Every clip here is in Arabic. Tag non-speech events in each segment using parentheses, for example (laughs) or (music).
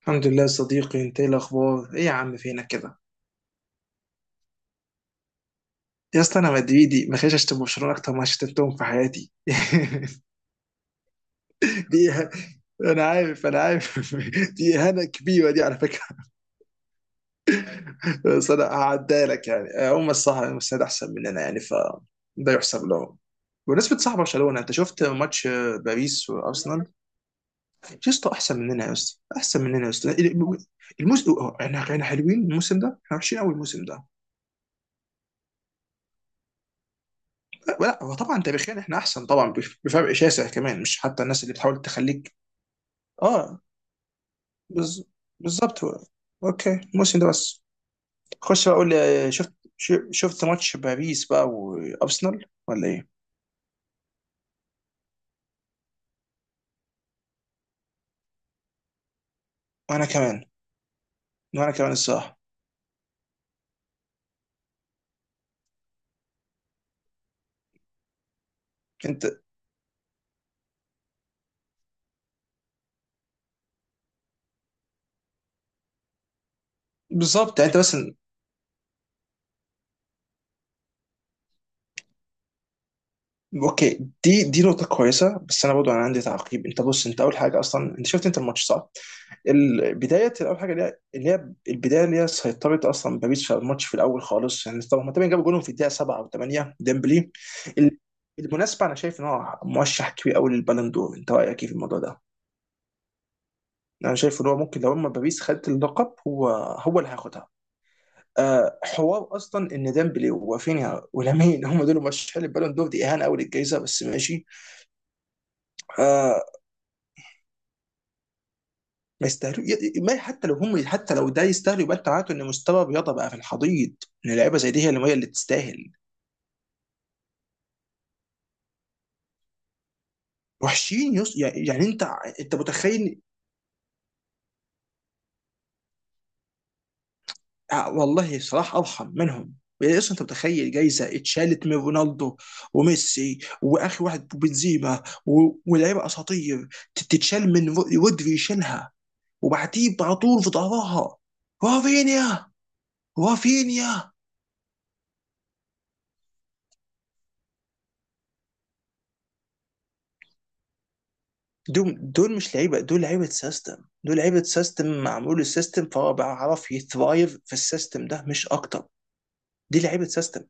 الحمد لله يا صديقي، انت ايه الاخبار؟ ايه يا عم فينك كده؟ يا اسطى انا مدريدي، ما خليش اشتم برشلونه اكتر ما شتمتهم في حياتي. (laughs) دي إه- انا عارف، (laughs) دي اهانه كبيره دي على فكره. (laughs) بس انا هعديها لك، يعني هم الصح، هم السيد، احسن مننا يعني ف ده يحسب لهم. بمناسبة صح برشلونة، انت شفت ماتش باريس وارسنال؟ يا اسطى احسن مننا، يا اسطى احسن مننا يا اسطى. الموسم. احنا حلوين الموسم ده، احنا وحشين قوي الموسم ده. لا هو طبعا تاريخيا احنا احسن طبعا، بفرق شاسع كمان، مش حتى الناس اللي بتحاول تخليك. اه. بز... بالظبط هو. اوكي الموسم ده بس. خش بقى قول لي آه، شفت ماتش باريس بقى وارسنال ولا ايه؟ وانا كمان، وانا كمان الصراحه. انت بالظبط يعني انت بس. اوكي دي نقطة كويسة، بس انا برضو انا عندي تعقيب. انت بص انت اول حاجة اصلا، انت شفت انت الماتش صح؟ البداية اول حاجة اللي هي البداية اللي هي سيطرت اصلا باريس على الماتش في الاول خالص، يعني طبعا هما تقريبا جابوا جولهم في الدقيقة 7 او 8، ديمبلي. ال- بالمناسبة انا شايف ان هو مرشح كبير قوي للبالون دور، انت رأيك ايه في الموضوع ده؟ انا شايف ان هو ممكن لو اما باريس خدت اللقب، هو اللي هياخدها. آه، حوار اصلا ان ديمبلي ورافينيا ولامين هم دول مرشحين للبالون دور، دي اهانه قوي للجائزه بس ماشي. آه، ما يستاهلوا. ما حتى لو هم، حتى لو ده يستاهل، يبقى انت معناته ان مستوى الرياضه بقى في الحضيض، ان لعيبه زي دي هي اللي تستاهل. وحشين. يعني انت، انت متخيل؟ آه، والله صلاح ارحم منهم. اصلا انت متخيل جايزه اتشالت من رونالدو وميسي واخر واحد بنزيما و... ولاعيبه اساطير، تتشال من رودري يشيلها وبعديه على طول في ظهرها رافينيا، رافينيا. دول مش لعيبه، دول لعيبه سيستم. دول لعيبه سيستم معمول السيستم، فهو بيعرف يثرايف في السيستم ده مش اكتر. دي لعيبه سيستم.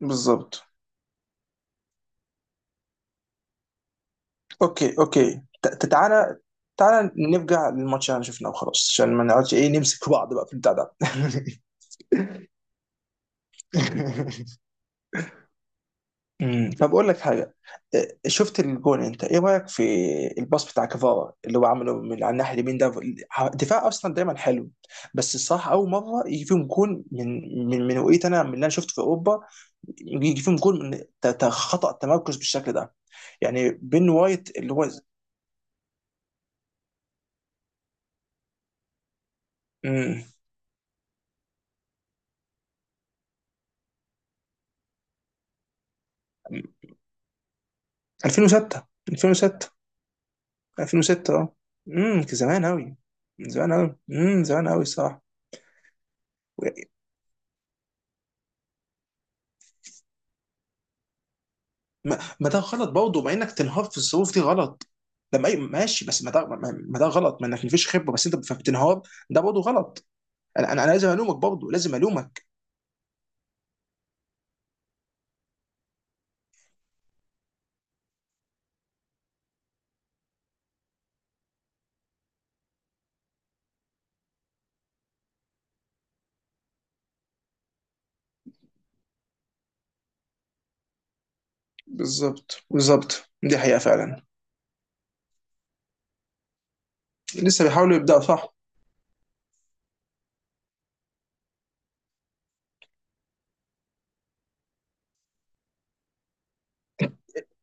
بالظبط. اوكي اوكي، تعالى، تعالى نرجع للماتش اللي احنا شفناه وخلاص عشان ما نقعدش ايه نمسك بعض بقى في البتاع ده. (laughs) طب اقول لك حاجه. إيه، شفت الجون؟ انت ايه رايك في الباص بتاع كفارا اللي هو عمله من على الناحيه اليمين ده؟ دفاع اصلا دايما حلو، بس الصراحه اول مره يجي فيهم جون من، من وقيت انا من اللي انا شفته في اوروبا، يجي فيهم جون من خطا تمركز بالشكل ده، يعني بين وايت اللي هو. امم 2006. 2006. 2006. اه. زمان قوي. زمان قوي. زمان قوي الصراحه. ما ده غلط برضه، مع انك تنهار في الظروف دي غلط. لما أي ماشي، بس ما ده ما، ما ده غلط ما انك مفيش خبره بس انت بتنهار ده برضه غلط. انا لازم الومك برضه، لازم الومك. بالظبط بالظبط، دي حقيقه فعلا. لسه بيحاولوا يبداوا صح.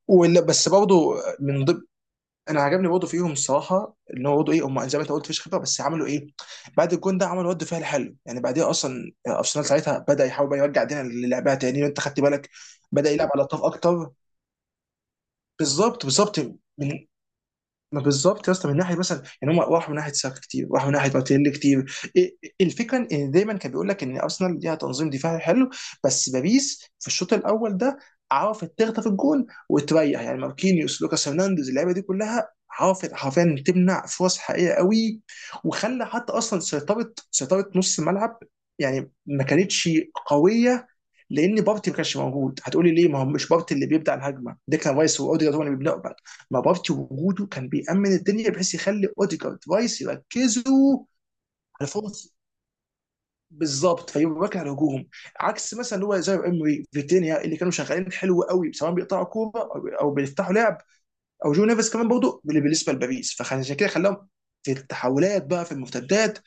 ولا بس برضه. من ضمن. انا عجبني برضه فيهم الصراحه ان هو برضه ايه، هم زي ما انت قلت مفيش خبره، بس عملوا ايه؟ بعد الجون ده عملوا رد فعل حلو، يعني بعديها اصلا ارسنال ساعتها بدا يحاول بقى يرجع دينا للعبها تاني، وانت خدت بالك بدا يلعب على الطرف اكتر. بالظبط بالظبط. من، ما بالظبط يا اسطى، من ناحيه مثلا يعني هم راحوا من ناحيه ساكا كتير، راحوا من ناحيه مارتينيلي كتير. إيه، الفكره ان دايما كان بيقول لك ان ارسنال ليها تنظيم دفاعي حلو، بس باريس في الشوط الاول ده عرفت تخطف الجون وتريح. يعني ماركينيوس لوكاس هرنانديز اللعيبه دي كلها عرفت حرفيا تمنع فرص حقيقيه قوي، وخلى حتى اصلا سيطره نص الملعب يعني ما كانتش قويه، لان بابتي ما كانش موجود. هتقولي ليه؟ ما هو مش بابتي اللي بيبدا الهجمه، ديكلان رايس واوديجارد هم اللي بيبداوا بقى، ما بابتي وجوده كان بيامن الدنيا بحيث يخلي اوديجارد رايس يركزوا على فرص. بالظبط فيبقى على الهجوم، عكس مثلا اللي هو زي امري فيتينيا اللي كانوا شغالين حلو قوي، سواء بيقطعوا كوره او بيفتحوا لعب، او جو نيفيس كمان برضه اللي بالنسبه لباريس. فعشان كده خلاهم في التحولات بقى، في المرتدات.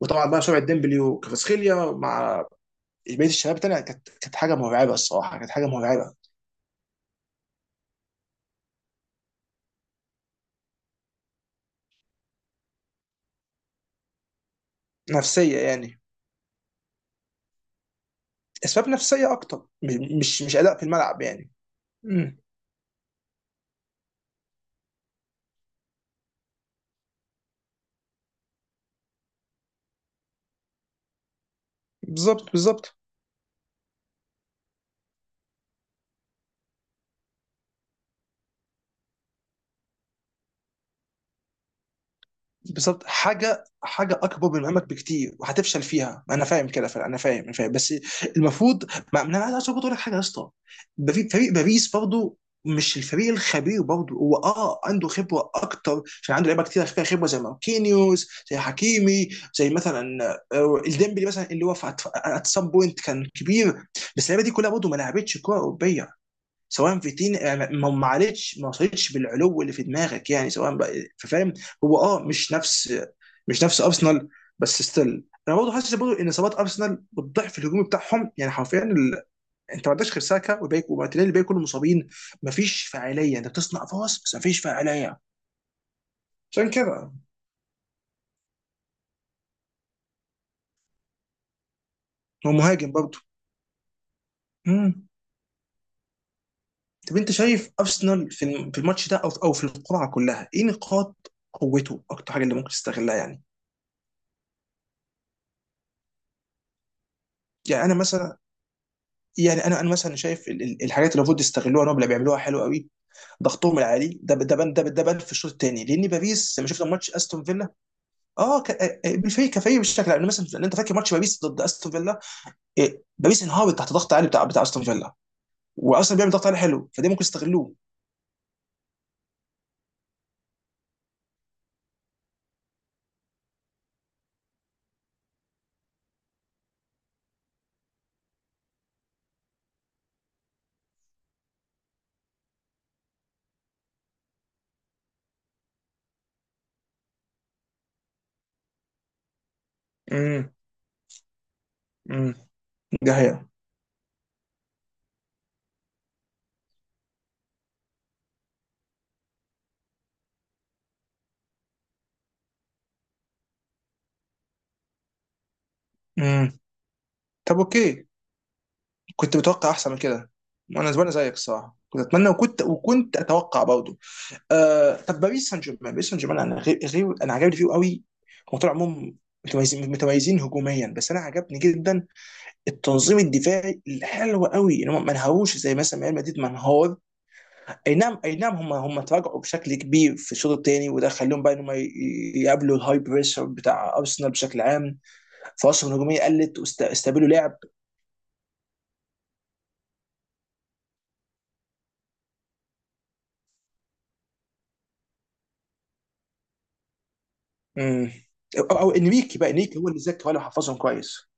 وطبعا بقى سرعه ديمبلي وكفاسخيليا مع بقيه الشباب الثانيه كانت حاجه مرعبه الصراحه، كانت حاجه مرعبه. نفسيه يعني، اسباب نفسيه اكتر، مش اداء في الملعب يعني. مم. بالظبط بالظبط. بالظبط، حاجه حاجه اكبر من مهمك بكتير وهتفشل فيها، انا فاهم كده فعلا، انا فاهم، انا فاهم بس المفروض، ما انا عايز برضه اقول لك حاجه يا اسطى. فريق باريس برضه مش الفريق الخبير برضه، هو عنده خبره اكتر عشان عنده لعيبه كتير فيها خبره زي ماركينيوس زي حكيمي، زي مثلا آه، الديمبلي مثلا اللي هو في ات سام بوينت كان كبير، بس اللعيبه دي كلها برضه ما لعبتش كوره اوروبيه سواء فيتين. ما علتش، ما وصلتش بالعلو اللي في دماغك يعني، سواء بقى فاهم هو مش نفس، مش نفس ارسنال. بس ستيل انا برضه حاسس برضه ان اصابات ارسنال والضعف الهجومي بتاعهم يعني حرفيا ال... انت ما عندكش غير ساكا وباك ومارتينيلي، الباقي كلهم مصابين، ما فيش فاعليه، انت بتصنع فرص بس ما فيش فاعليه، عشان كده. هو مهاجم برضه. امم طب انت شايف ارسنال في في الماتش ده او في القرعه كلها ايه نقاط قوته، اكتر حاجه اللي ممكن تستغلها يعني؟ يعني انا مثلا، يعني انا مثلا شايف الحاجات اللي المفروض يستغلوها نوبل بيعملوها حلو قوي، ضغطهم العالي ده، ده بان، ده بان في الشوط الثاني، لان باريس لما شفنا ماتش استون فيلا، آه، بالفريق كفريق بالشكل، لان مثلا، لأن انت فاكر ماتش باريس ضد استون فيلا؟ إيه، باريس انهارت تحت ضغط عالي بتاع استون فيلا، واصلا بيعمل ضغط عالي حلو، فده ممكن يستغلوه. امم امم ده هي. امم طب اوكي، كنت متوقع احسن من كده. وانا زمان زيك الصراحه كنت اتمنى، وكنت اتوقع برضه. آه طب باريس سان جيرمان، باريس سان جيرمان انا غير انا عجبني فيه قوي. هم طول عموم متميزين، متميزين هجوميا بس انا عجبني جدا التنظيم الدفاعي الحلو قوي، ان هم ما انهاروش زي مثلا ريال مدريد منهار. اي نعم اي نعم، هم تراجعوا بشكل كبير في الشوط الثاني، وده خليهم بقى ان هم يقابلوا الهاي بريشر بتاع ارسنال بشكل عام، فرصهم الهجوميه قلت واستقبلوا لعب. مم. أو انريكي بقى، انريكي هو اللي ذاك ولا حفظهم كويس.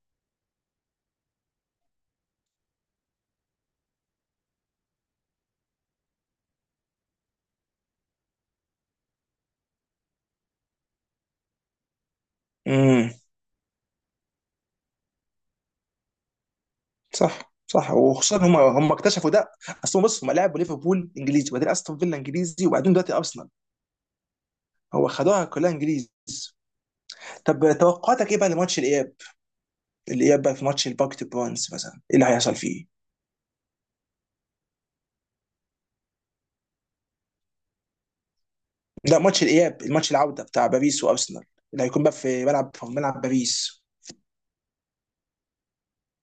مم. صح صح، وخصوصا هم اكتشفوا ده. اصل هم بص، هم لعبوا ليفربول انجليزي، وبعدين استون فيلا انجليزي، وبعدين دلوقتي ارسنال، هو خدوها كلها انجليزي. طب توقعاتك ايه بقى لماتش الاياب؟ الاياب بقى في ماتش الباك تو برونز مثلا ايه اللي هيحصل فيه؟ لا ماتش الاياب، الماتش العوده بتاع باريس وارسنال، اللي هيكون بقى في ملعب باريس.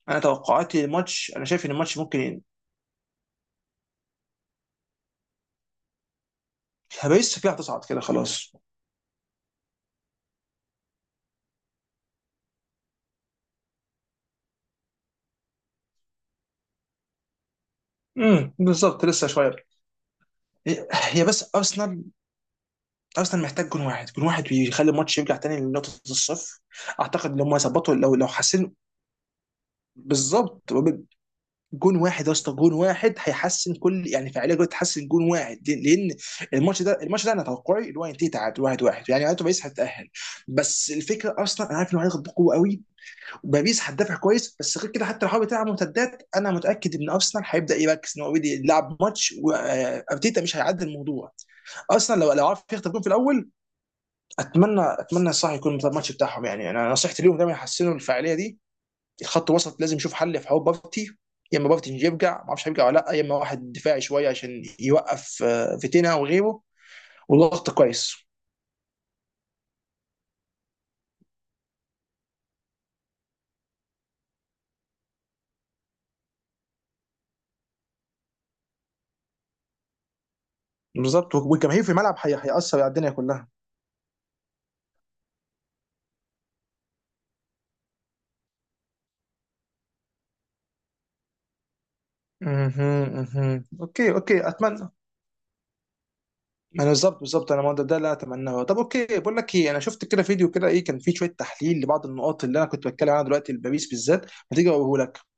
انا توقعاتي للماتش، انا شايف ان الماتش ممكن باريس فيها هتصعد كده خلاص. بالظبط لسه شويه. هي بس ارسنال، ارسنال محتاج جون واحد، جون واحد ويخلي الماتش يرجع تاني لنقطه الصفر. اعتقد لو ما ظبطوا لو حسن بالظبط. جون واحد يا اسطى، جون واحد هيحسن كل يعني فعاليه، جدا تحسن جون واحد، لأن الماتش ده انا توقعي اللي هو ينتهي تعادل واحد واحد، يعني معناته باريس هتتاهل. بس الفكره ارسنال، انا عارف انه هيضغط بقوه قوي، وباريس هتدافع كويس، بس غير كده حتى لو حاول تلعب مرتدات انا متاكد ان ارسنال هيبدا يركز ان هو اوريدي لعب ماتش وارتيتا مش هيعدي الموضوع. ارسنال لو عرف يخطف جون في الاول، اتمنى، صح يكون ده الماتش بتاعهم. يعني انا نصيحتي ليهم دايما يحسنوا الفاعليه دي، الخط الوسط لازم يشوف حل في حوار بابتي، يا اما بابتي يرجع ما اعرفش هيرجع ولا لا، يا اما واحد دفاعي شويه عشان يوقف آه، فيتينا وغيره والضغط كويس. بالظبط، والجماهير في الملعب هيأثر على الدنيا كلها. مهم، مهم. اوكي اوكي اتمنى. انا بالظبط بالظبط، انا ما ده، اللي أنا اتمناه. طب اوكي، بقول لك ايه، انا شفت كده فيديو كده، ايه كان فيه شويه تحليل لبعض النقاط اللي انا كنت بتكلم عنها دلوقتي لباريس بالذات، ما تيجي اقوله لك.